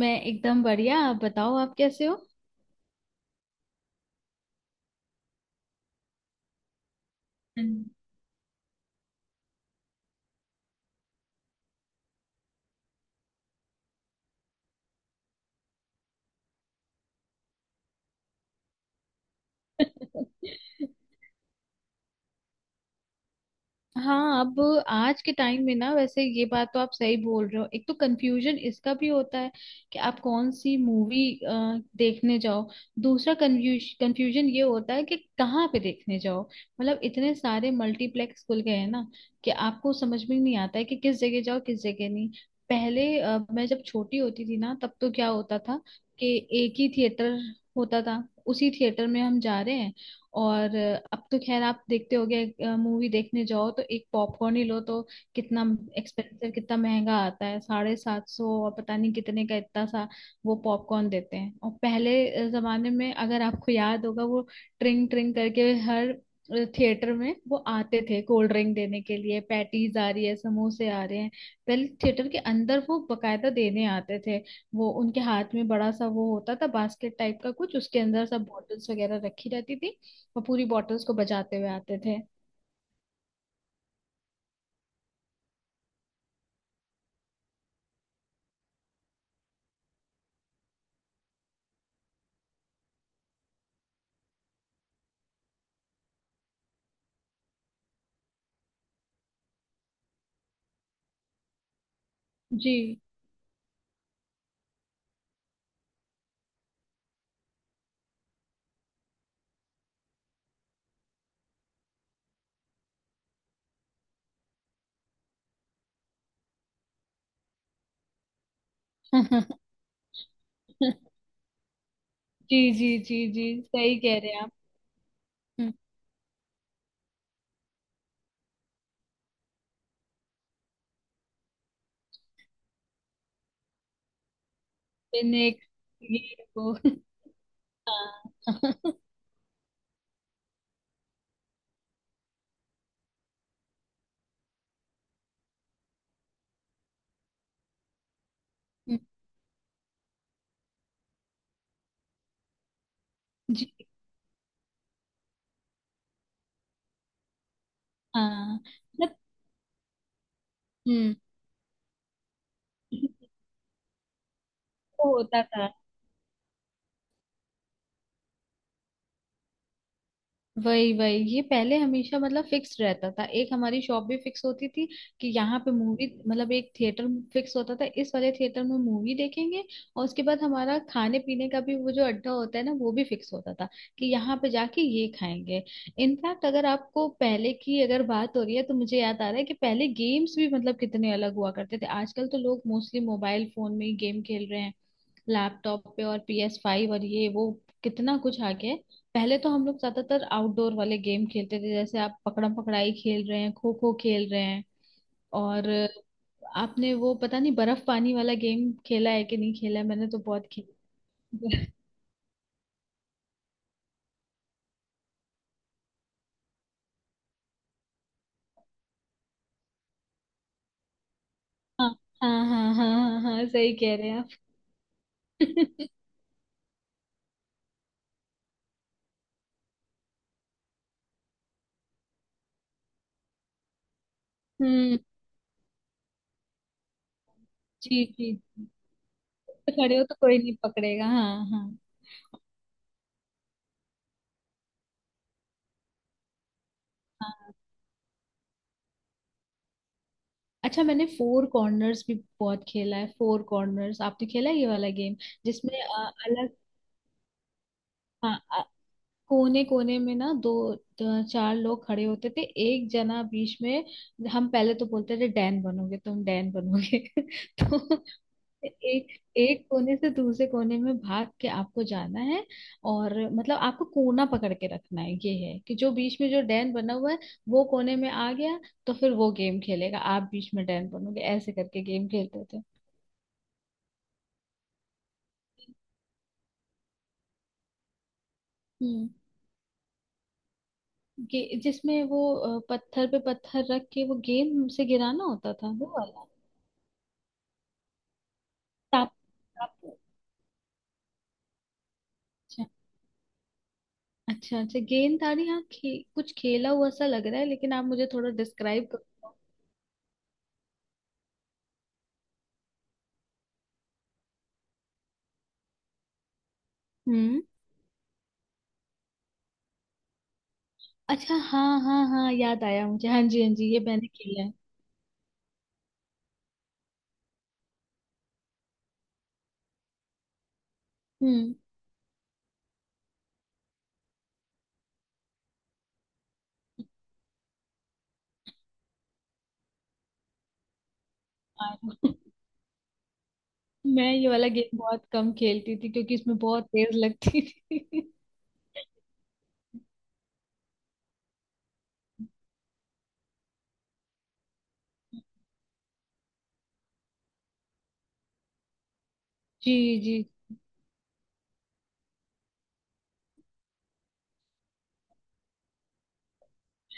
मैं एकदम बढ़िया। आप बताओ, आप कैसे हो। हम्म। हाँ, अब आज के टाइम में ना, वैसे ये बात तो आप सही बोल रहे हो। एक तो कंफ्यूजन इसका भी होता है कि आप कौन सी मूवी देखने जाओ। दूसरा कंफ्यूजन ये होता है कि कहाँ पे देखने जाओ। मतलब इतने सारे मल्टीप्लेक्स खुल गए हैं ना कि आपको समझ में नहीं आता है कि किस जगह जाओ, किस जगह नहीं। पहले मैं जब छोटी होती थी ना, तब तो क्या होता था कि एक ही थिएटर होता था। उसी थिएटर में हम जा रहे हैं। और अब तो खैर, आप देखते होगे, मूवी देखने जाओ तो एक पॉपकॉर्न ही लो तो कितना एक्सपेंसिव, कितना महंगा आता है, 750 और पता नहीं कितने का, इतना सा वो पॉपकॉर्न देते हैं। और पहले जमाने में, अगर आपको याद होगा, वो ट्रिंग ट्रिंग करके हर थिएटर में वो आते थे कोल्ड ड्रिंक देने के लिए। पैटीज आ रही है, समोसे आ रहे हैं, पहले थिएटर के अंदर वो बकायदा देने आते थे। वो उनके हाथ में बड़ा सा वो होता था, बास्केट टाइप का कुछ, उसके अंदर सब बॉटल्स वगैरह रखी रहती थी। वो पूरी बॉटल्स को बचाते हुए आते थे। जी। जी जी जी जी, सही कह रहे हैं आप। हम्म, फिर एक ये वो। हाँ। जी हाँ, मतलब हम्म। वो होता था। वही वही, ये पहले हमेशा मतलब फिक्स रहता था। एक हमारी शॉप भी फिक्स होती थी कि यहाँ पे मूवी मतलब एक थिएटर फिक्स होता था, इस वाले थिएटर में मूवी देखेंगे। और उसके बाद हमारा खाने पीने का भी वो जो अड्डा होता है ना, वो भी फिक्स होता था कि यहाँ पे जाके ये खाएंगे। इनफैक्ट अगर आपको पहले की अगर बात हो रही है तो मुझे याद आ रहा है कि पहले गेम्स भी मतलब कितने अलग हुआ करते थे। आजकल तो लोग मोस्टली मोबाइल फोन में ही गेम खेल रहे हैं, लैपटॉप पे, और PS5 फाइव और ये वो, कितना कुछ आ गया है। पहले तो हम लोग ज्यादातर आउटडोर वाले गेम खेलते थे, जैसे आप पकड़म पकड़ाई खेल रहे हैं, खो खो खेल रहे हैं। और आपने वो पता नहीं बर्फ पानी वाला गेम खेला है कि नहीं खेला है, मैंने तो बहुत खेला है। हाँ, हाँ हाँ हाँ हाँ हाँ, सही कह रहे हैं आप। हम्म। जी जी जी। तो खड़े हो तो कोई नहीं पकड़ेगा, हाँ हाँ। हाँ, अच्छा, मैंने फोर कॉर्नर्स भी बहुत खेला है। फोर कॉर्नर्स आपने खेला है, ये वाला गेम जिसमें अलग, हाँ, कोने कोने में ना दो, चार लोग खड़े होते थे, एक जना बीच में। हम पहले तो बोलते थे, डैन बनोगे तुम, डैन बनोगे। तो एक एक कोने से दूसरे कोने में भाग के आपको जाना है। और मतलब आपको कोना पकड़ के रखना है। ये है कि जो बीच में जो डैन बना हुआ है, वो कोने में आ गया तो फिर वो गेम खेलेगा, आप बीच में डैन बनोगे, ऐसे करके गेम खेलते थे। हम्म। जिसमें वो पत्थर पे पत्थर रख के वो गेंद से गिराना होता था, वो वाला टाप टाप? अच्छा, अच्छा अच्छा, गेंददारी, हाँ, कुछ खेला हुआ सा लग रहा है, लेकिन आप मुझे थोड़ा डिस्क्राइब करो। हम्म। अच्छा, हाँ हाँ हाँ, याद आया मुझे। हाँ जी हाँ जी, ये मैंने खेला है। हम्म। और- मैं ये वाला गेम बहुत कम खेलती थी क्योंकि इसमें बहुत तेज लगती थी। जी जी,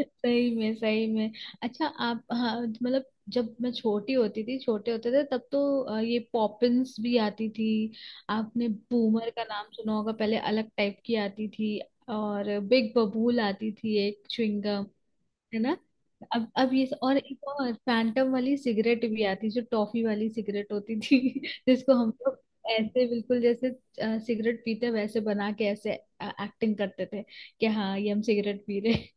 सही में, सही में। अच्छा, आप, हाँ, मतलब जब मैं छोटी होती थी, छोटे होते थे, तब तो ये पॉपिंस भी आती थी। आपने बूमर का नाम सुना होगा, पहले अलग टाइप की आती थी। और बिग बबूल आती थी, एक च्युइंगम, है ना। अब ये, और एक और फैंटम वाली सिगरेट भी आती, जो टॉफी वाली सिगरेट होती थी, जिसको हम लोग ऐसे बिल्कुल जैसे सिगरेट पीते, वैसे बना के ऐसे एक्टिंग करते थे कि हाँ, ये हम सिगरेट पी रहे हैं।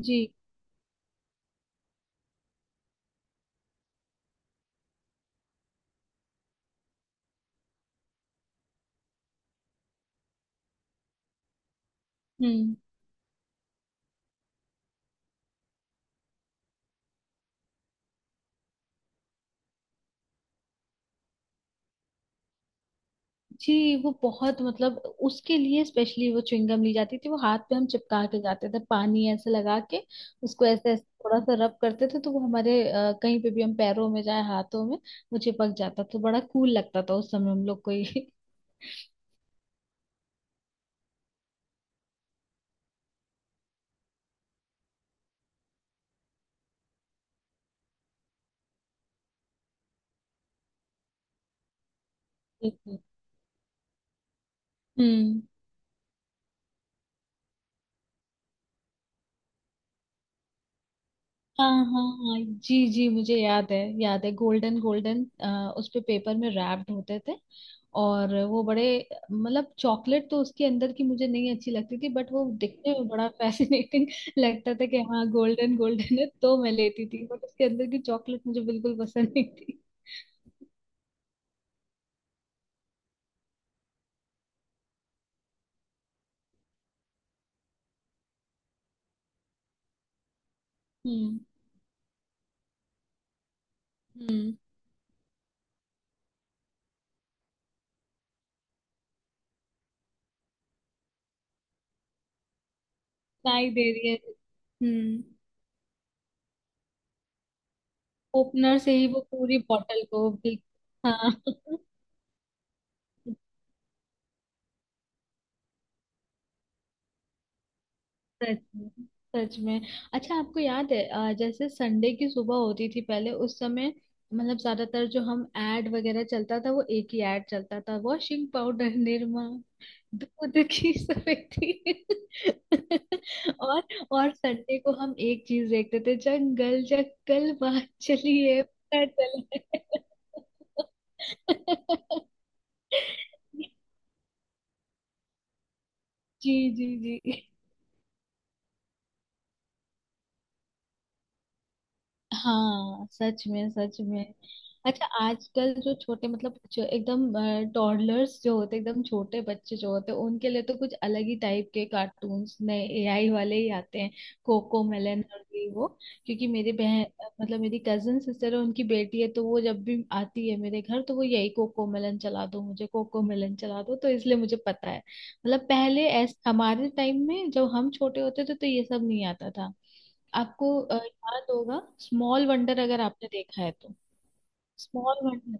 जी। हम्म। जी, वो बहुत मतलब उसके लिए स्पेशली वो च्युइंगम ली जाती थी। वो हाथ पे हम चिपका के जाते थे, पानी ऐसे लगा के उसको ऐसे ऐसे थोड़ा सा रब करते थे तो वो हमारे कहीं पे भी, हम पैरों में जाए, हाथों में, वो चिपक जाता तो बड़ा कूल लगता था उस समय हम लोग को ये। हम्म। हाँ हाँ हाँ, जी जी, मुझे याद है, याद है, गोल्डन गोल्डन। उस पे पेपर में रैप्ड होते थे। और वो बड़े मतलब, चॉकलेट तो उसके अंदर की मुझे नहीं अच्छी लगती थी, बट वो दिखने में बड़ा फैसिनेटिंग लगता था कि हाँ, गोल्डन गोल्डन है, तो मैं लेती थी, बट उसके अंदर की चॉकलेट मुझे बिल्कुल पसंद नहीं थी। हम्म। हम्म, सुनाई दे रही है। हम्म। ओपनर से ही वो पूरी बॉटल को बिल-। हाँ। सच में, सच में। अच्छा, आपको याद है जैसे संडे की सुबह होती थी पहले उस समय, मतलब ज्यादातर जो हम एड वगैरह चलता था, वो एक ही एड चलता था, वॉशिंग पाउडर निरमा, दूध की सफेदी। और और संडे को हम एक चीज देखते थे, जंगल जंगल बात चलिए, पता चले। जी जी जी। हाँ, सच में, सच में। अच्छा, आजकल जो छोटे मतलब, जो एकदम टॉडलर्स जो होते, एकदम छोटे बच्चे जो होते, उनके लिए तो कुछ अलग ही टाइप के कार्टून्स, नए एआई वाले ही आते हैं, कोको मेलन और ये वो। क्योंकि मेरी बहन मतलब मेरी कजन सिस्टर है, उनकी बेटी है, तो वो जब भी आती है मेरे घर, तो वो यही कोको मेलन चला दो, मुझे कोको मेलन चला दो, तो इसलिए मुझे पता है। मतलब पहले हमारे टाइम में जब हम छोटे होते थे, तो ये सब नहीं आता था। आपको याद होगा स्मॉल वंडर, अगर आपने देखा है तो। स्मॉल वंडर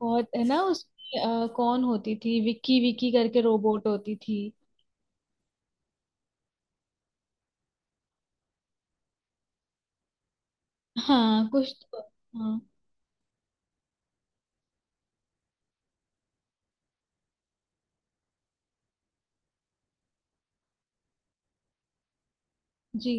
बहुत, है ना, उसमें कौन होती थी, विक्की विक्की करके रोबोट होती थी। हाँ, कुछ तो। हाँ, जी।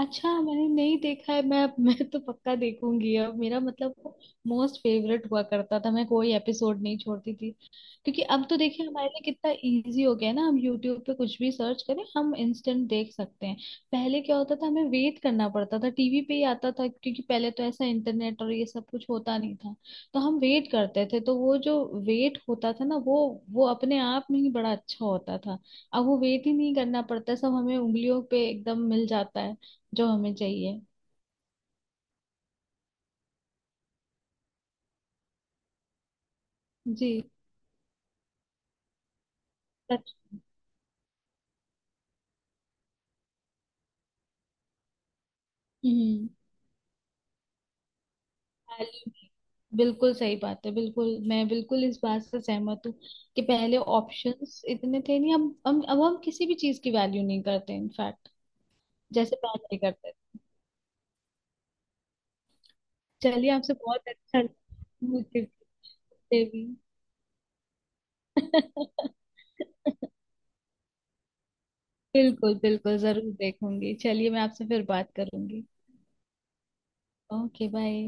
अच्छा, मैंने नहीं देखा है मैं। मैं तो पक्का देखूंगी अब, मेरा मतलब मोस्ट फेवरेट हुआ करता था, मैं कोई एपिसोड नहीं छोड़ती थी। क्योंकि अब तो देखिए, हमारे लिए कितना इजी हो गया है ना, हम यूट्यूब पे कुछ भी सर्च करें, हम इंस्टेंट देख सकते हैं। पहले क्या होता था, हमें वेट करना पड़ता था, टीवी पे ही आता था, क्योंकि पहले तो ऐसा इंटरनेट और ये सब कुछ होता नहीं था। तो हम वेट करते थे, तो वो जो वेट होता था ना, वो अपने आप में ही बड़ा अच्छा होता था। अब वो वेट ही नहीं करना पड़ता, सब हमें उंगलियों पे एकदम मिल जाता है जो हमें चाहिए। जी। सच। हम्म। value नहीं। बिल्कुल सही बात है, बिल्कुल, मैं बिल्कुल इस बात से सहमत हूँ कि पहले ऑप्शंस इतने थे नहीं। अब हम किसी भी चीज की वैल्यू नहीं करते इनफैक्ट, जैसे पहले करते थे। चलिए, आपसे बहुत अच्छा लगा। मुझे, मुझे भी। बिल्कुल बिल्कुल, जरूर देखूंगी। चलिए, मैं आपसे फिर बात करूंगी। Okay, bye.